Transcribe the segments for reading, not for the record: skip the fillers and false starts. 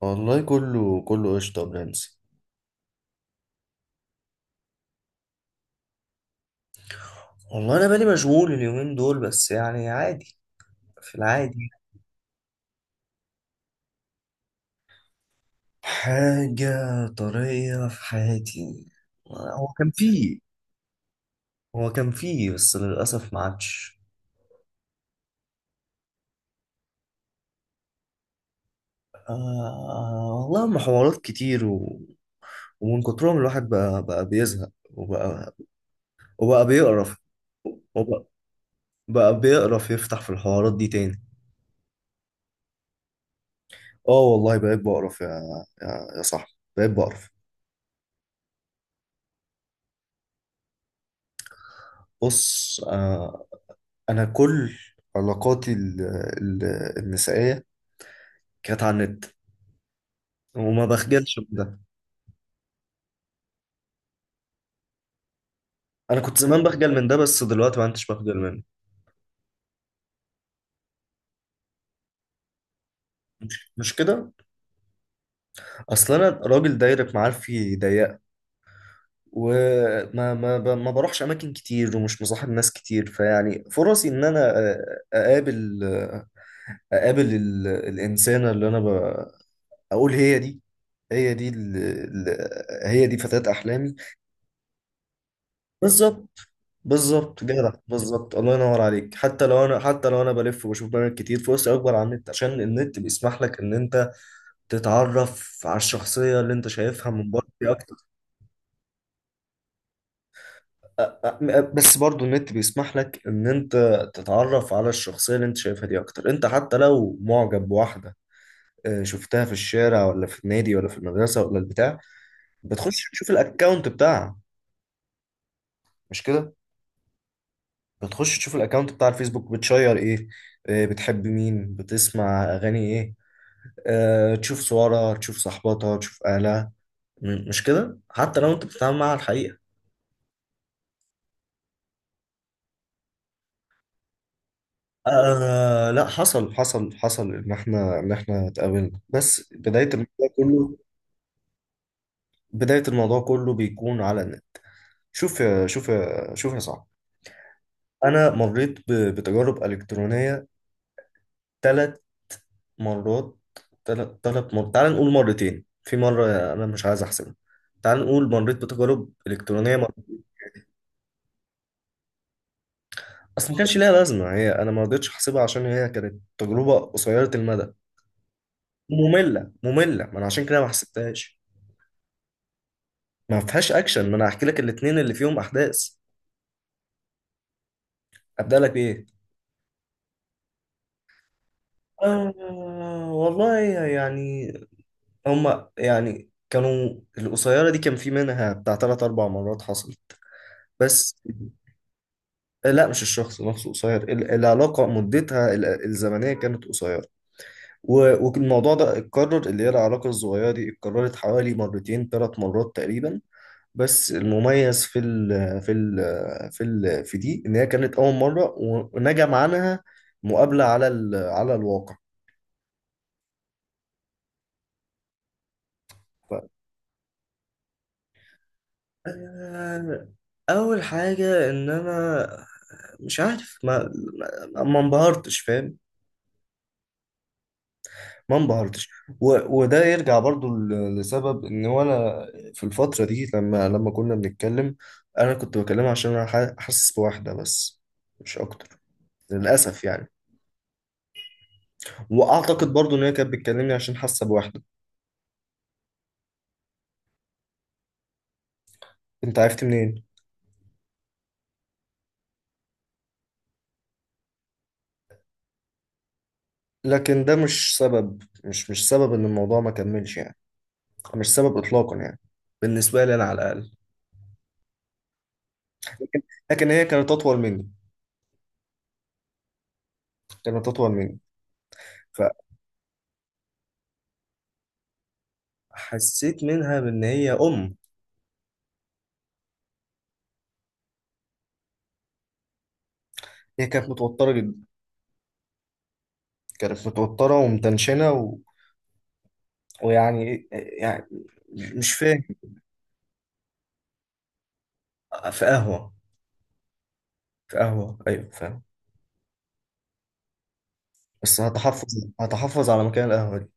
والله كله قشطة يا برنس. والله انا بالي مشغول اليومين دول بس يعني عادي في العادي. حاجة طرية في حياتي؟ هو كان فيه هو كان فيه بس للأسف ما عادش. آه والله هم حوارات كتير. ومن كترهم الواحد بقى بيزهق، وبقى بيقرف، وبقى بيقرف يفتح في الحوارات دي تاني. اه والله بقيت بقرف يا صاحبي، بقيت بقرف. بص. انا كل علاقاتي ال- النسائيه كانت على النت، وما بخجلش من ده. انا كنت زمان بخجل من ده، بس دلوقتي ما عدتش بخجل منه. مش كده؟ اصل انا راجل دايرة معارفي ضيقه، وما ما ب- ما بروحش اماكن كتير، ومش مصاحب ناس كتير، فيعني فرصي ان انا اقابل اقابل الانسانه اللي انا اقول هي دي فتاة احلامي. بالظبط. بالظبط جدع، بالظبط، الله ينور عليك. حتى لو انا بلف وبشوف برامج كتير، فرصي اكبر على النت، عشان النت بيسمح لك ان انت تتعرف على الشخصيه اللي انت شايفها من بره اكتر. بس برضو النت بيسمح لك ان انت تتعرف على الشخصيه اللي انت شايفها دي اكتر. انت حتى لو معجب بواحده، شفتها في الشارع، ولا في النادي، ولا في المدرسه، ولا البتاع، بتخش تشوف الاكونت بتاعها. مش كده؟ بتخش تشوف الاكونت بتاع الفيسبوك بتشير ايه، بتحب مين، بتسمع اغاني ايه، تشوف صورها، تشوف صحباتها، تشوف اهلها. مش كده، حتى لو انت بتتعامل معاها على الحقيقة. آه لا، حصل ان احنا اتقابلنا، بس بداية الموضوع كله بيكون على النت. شوف يا صاحبي. انا مريت بتجارب الكترونية ثلاث مرات. ثلاث مرات. تعال نقول مرتين، في مرة انا مش عايز احسبها. تعال نقول مريت بتجارب الكترونية، بس ما كانش ليها لازمه، هي انا ما رضيتش احسبها عشان هي كانت تجربه قصيره المدى، ممله ممله، ما انا عشان كده ما حسبتهاش. ما فيهاش اكشن، ما انا هحكي لك الاثنين اللي فيهم احداث. ابدا لك بايه؟ آه والله يعني، هما يعني كانوا، القصيره دي كان في منها بتاع ثلاث اربع مرات حصل، بس. لا مش الشخص نفسه قصير، العلاقه مدتها الزمنيه كانت قصيره. والموضوع ده اتكرر، اللي هي العلاقة الصغيرة دي اتكررت حوالي مرتين، ثلاث مرات تقريبا. بس المميز في دي ان هي كانت اول مره، ونجم عنها مقابله على الواقع. ف... آه، اول حاجه ان انا مش عارف، ما انبهرتش، فاهم؟ ما انبهرتش. وده يرجع برضو لسبب ان، وانا في الفتره دي، لما كنا بنتكلم، انا كنت بكلمها عشان انا حاسس بواحده بس، مش اكتر، للاسف يعني. واعتقد برضو ان هي كانت بتكلمني عشان حاسه بواحده. انت عرفت منين؟ لكن ده مش سبب، مش سبب ان الموضوع ما كملش يعني، مش سبب اطلاقا يعني، بالنسبه لي انا على الاقل. لكن لكن هي كانت اطول مني. كانت اطول مني. فحسيت منها بان هي. هي كانت متوتره جدا. كانت متوتره ومتنشنه، ويعني يعني مش فاهم. في قهوه. في قهوه، ايوه فاهم. بس هتحفظ على مكان القهوه دي،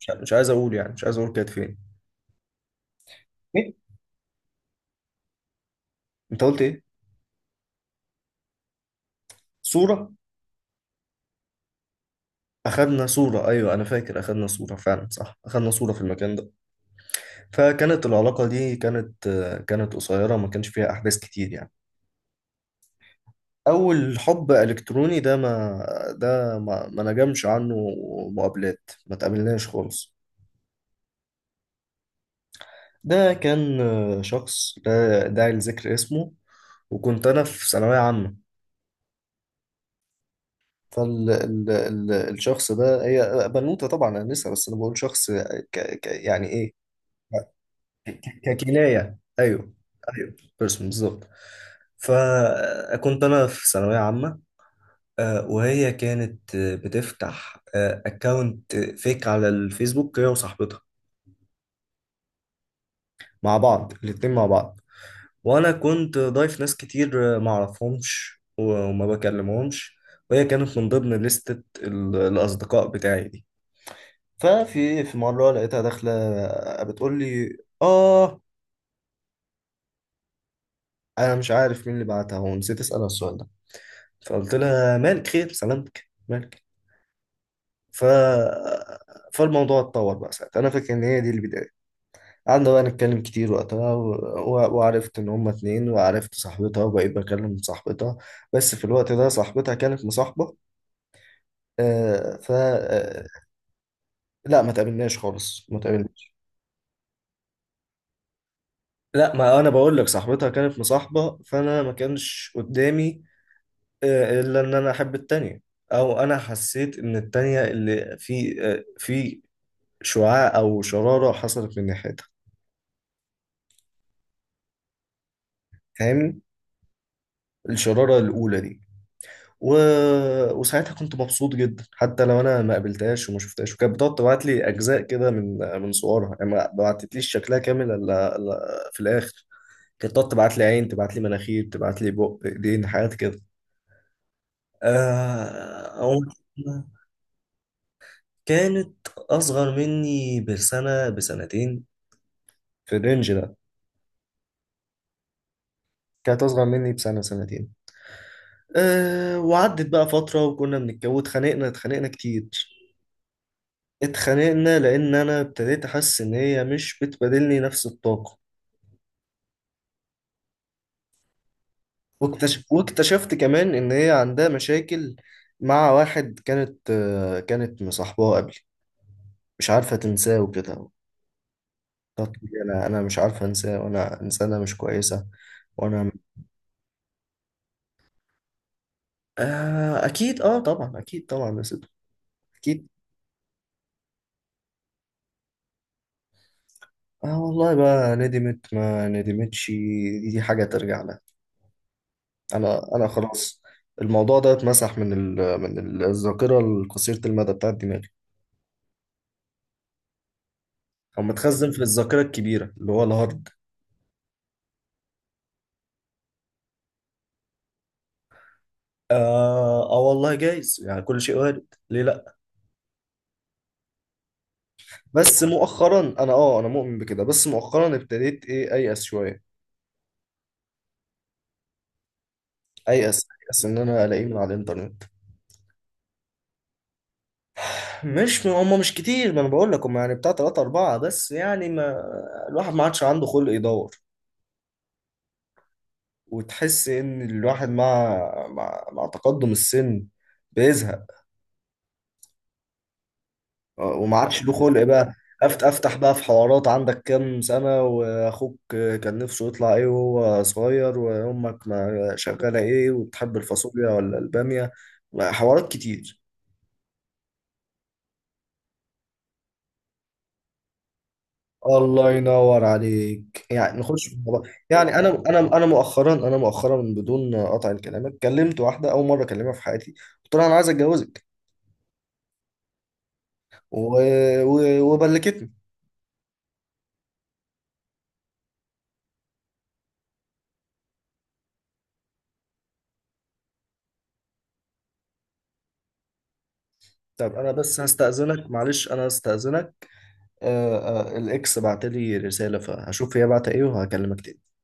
مش عايز اقول، يعني مش عايز اقول كانت فين. ايه؟ انت قلت ايه؟ صوره؟ أخدنا صورة، أيوة، أنا فاكر أخدنا صورة فعلا، صح، أخدنا صورة في المكان ده. فكانت العلاقة دي كانت قصيرة، ما كانش فيها أحداث كتير يعني. أول حب إلكتروني ده ما نجمش عنه، مقابلات، ما تقابلناش خالص. ده كان شخص لا داعي لذكر اسمه. وكنت أنا في ثانوية عامة. فالشخص ده هي بنوتة طبعا، أنا لسه، بس أنا بقول شخص ك، ك يعني إيه، ككناية، أيوه. أيوه، بيرسون بالظبط. فكنت أنا في ثانوية عامة. وهي كانت بتفتح أكاونت فيك على الفيسبوك، هي وصاحبتها مع بعض، الاتنين مع بعض. وأنا كنت ضايف ناس كتير معرفهمش، وما بكلمهمش. وهي كانت من ضمن لستة الأصدقاء بتاعي دي. في مرة لقيتها داخلة بتقول لي آه. أنا مش عارف مين اللي بعتها، ونسيت أسألها السؤال ده. فقلت لها مالك، خير، سلامتك، مالك؟ ف فالموضوع اتطور بقى ساعتها، انا فاكر ان هي دي البدايه. قعدنا بقى نتكلم كتير وقتها، وعرفت ان هما اتنين، وعرفت صاحبتها، وبقيت بكلم صاحبتها. بس في الوقت ده صاحبتها كانت مصاحبه. آه ف آه، لا، ما تقابلناش خالص، ما تقابلناش. لا، ما انا بقول لك صاحبتها كانت مصاحبه، فانا ما كانش قدامي، الا ان انا احب التانية، او انا حسيت ان التانية اللي في، في شعاع أو شرارة حصلت من ناحيتها. فاهمني؟ الشرارة الأولى دي. و... وساعتها كنت مبسوط جدا، حتى لو أنا ما قابلتهاش وما شفتهاش، وكانت بتقعد تبعت لي أجزاء كده من صورها، يعني ما بعتتليش شكلها كامل إلا في الآخر. كانت تقعد تبعت لي عين، تبعت لي مناخير، تبعت لي بق، إيدين، حاجات كده. آه... أو... كانت أصغر مني بسنة، بسنتين، في الرينج ده. كانت أصغر مني بسنة، سنتين. أه، وعدت بقى فترة، وكنا بنتجوز، اتخانقنا كتير. اتخانقنا لأن أنا ابتديت أحس إن هي مش بتبادلني نفس الطاقة. واكتشفت كمان إن هي عندها مشاكل مع واحد، كانت كانت مصاحباه قبل، مش عارفة تنساه وكده. طب أنا، مش عارفة أنساه، وأنا إنسانة مش كويسة، وأنا... آه أكيد، أه طبعا، أكيد طبعا يا سيدي، أكيد. اه والله، بقى ندمت ما ندمتش، دي حاجة ترجع لها. انا خلاص. الموضوع ده اتمسح من الذاكره القصيره المدى بتاعت دماغي، او متخزن في الذاكره الكبيره، اللي هو الهارد. آه، اه والله جايز يعني، كل شيء وارد، ليه لا؟ بس مؤخرا انا مؤمن بكده، بس مؤخرا ابتديت ايه، ايأس شويه، ايأس ان انا الاقيه من على الانترنت. مش هم مش كتير، ما انا بقول لك هم يعني بتاع ثلاثة أربعة بس، يعني ما الواحد ما عادش عنده خلق يدور، وتحس ان الواحد، مع تقدم السن بيزهق، وما عادش له خلق بقى. افتح بقى في حوارات، عندك كام سنة، واخوك كان نفسه يطلع ايه وهو صغير، وامك ما شغالة ايه، وبتحب الفاصوليا ولا البامية، حوارات كتير. الله ينور عليك، يعني نخش في الموضوع. يعني انا مؤخرا بدون قطع كلامك، كلمت واحده اول مره اكلمها في حياتي، قلت لها انا عايز اتجوزك. و... وبلكتني. طب انا بس هستأذنك، معلش انا هستأذنك، آه، الاكس بعت لي رسالة، فهشوف هي بعت ايه، وهكلمك تاني.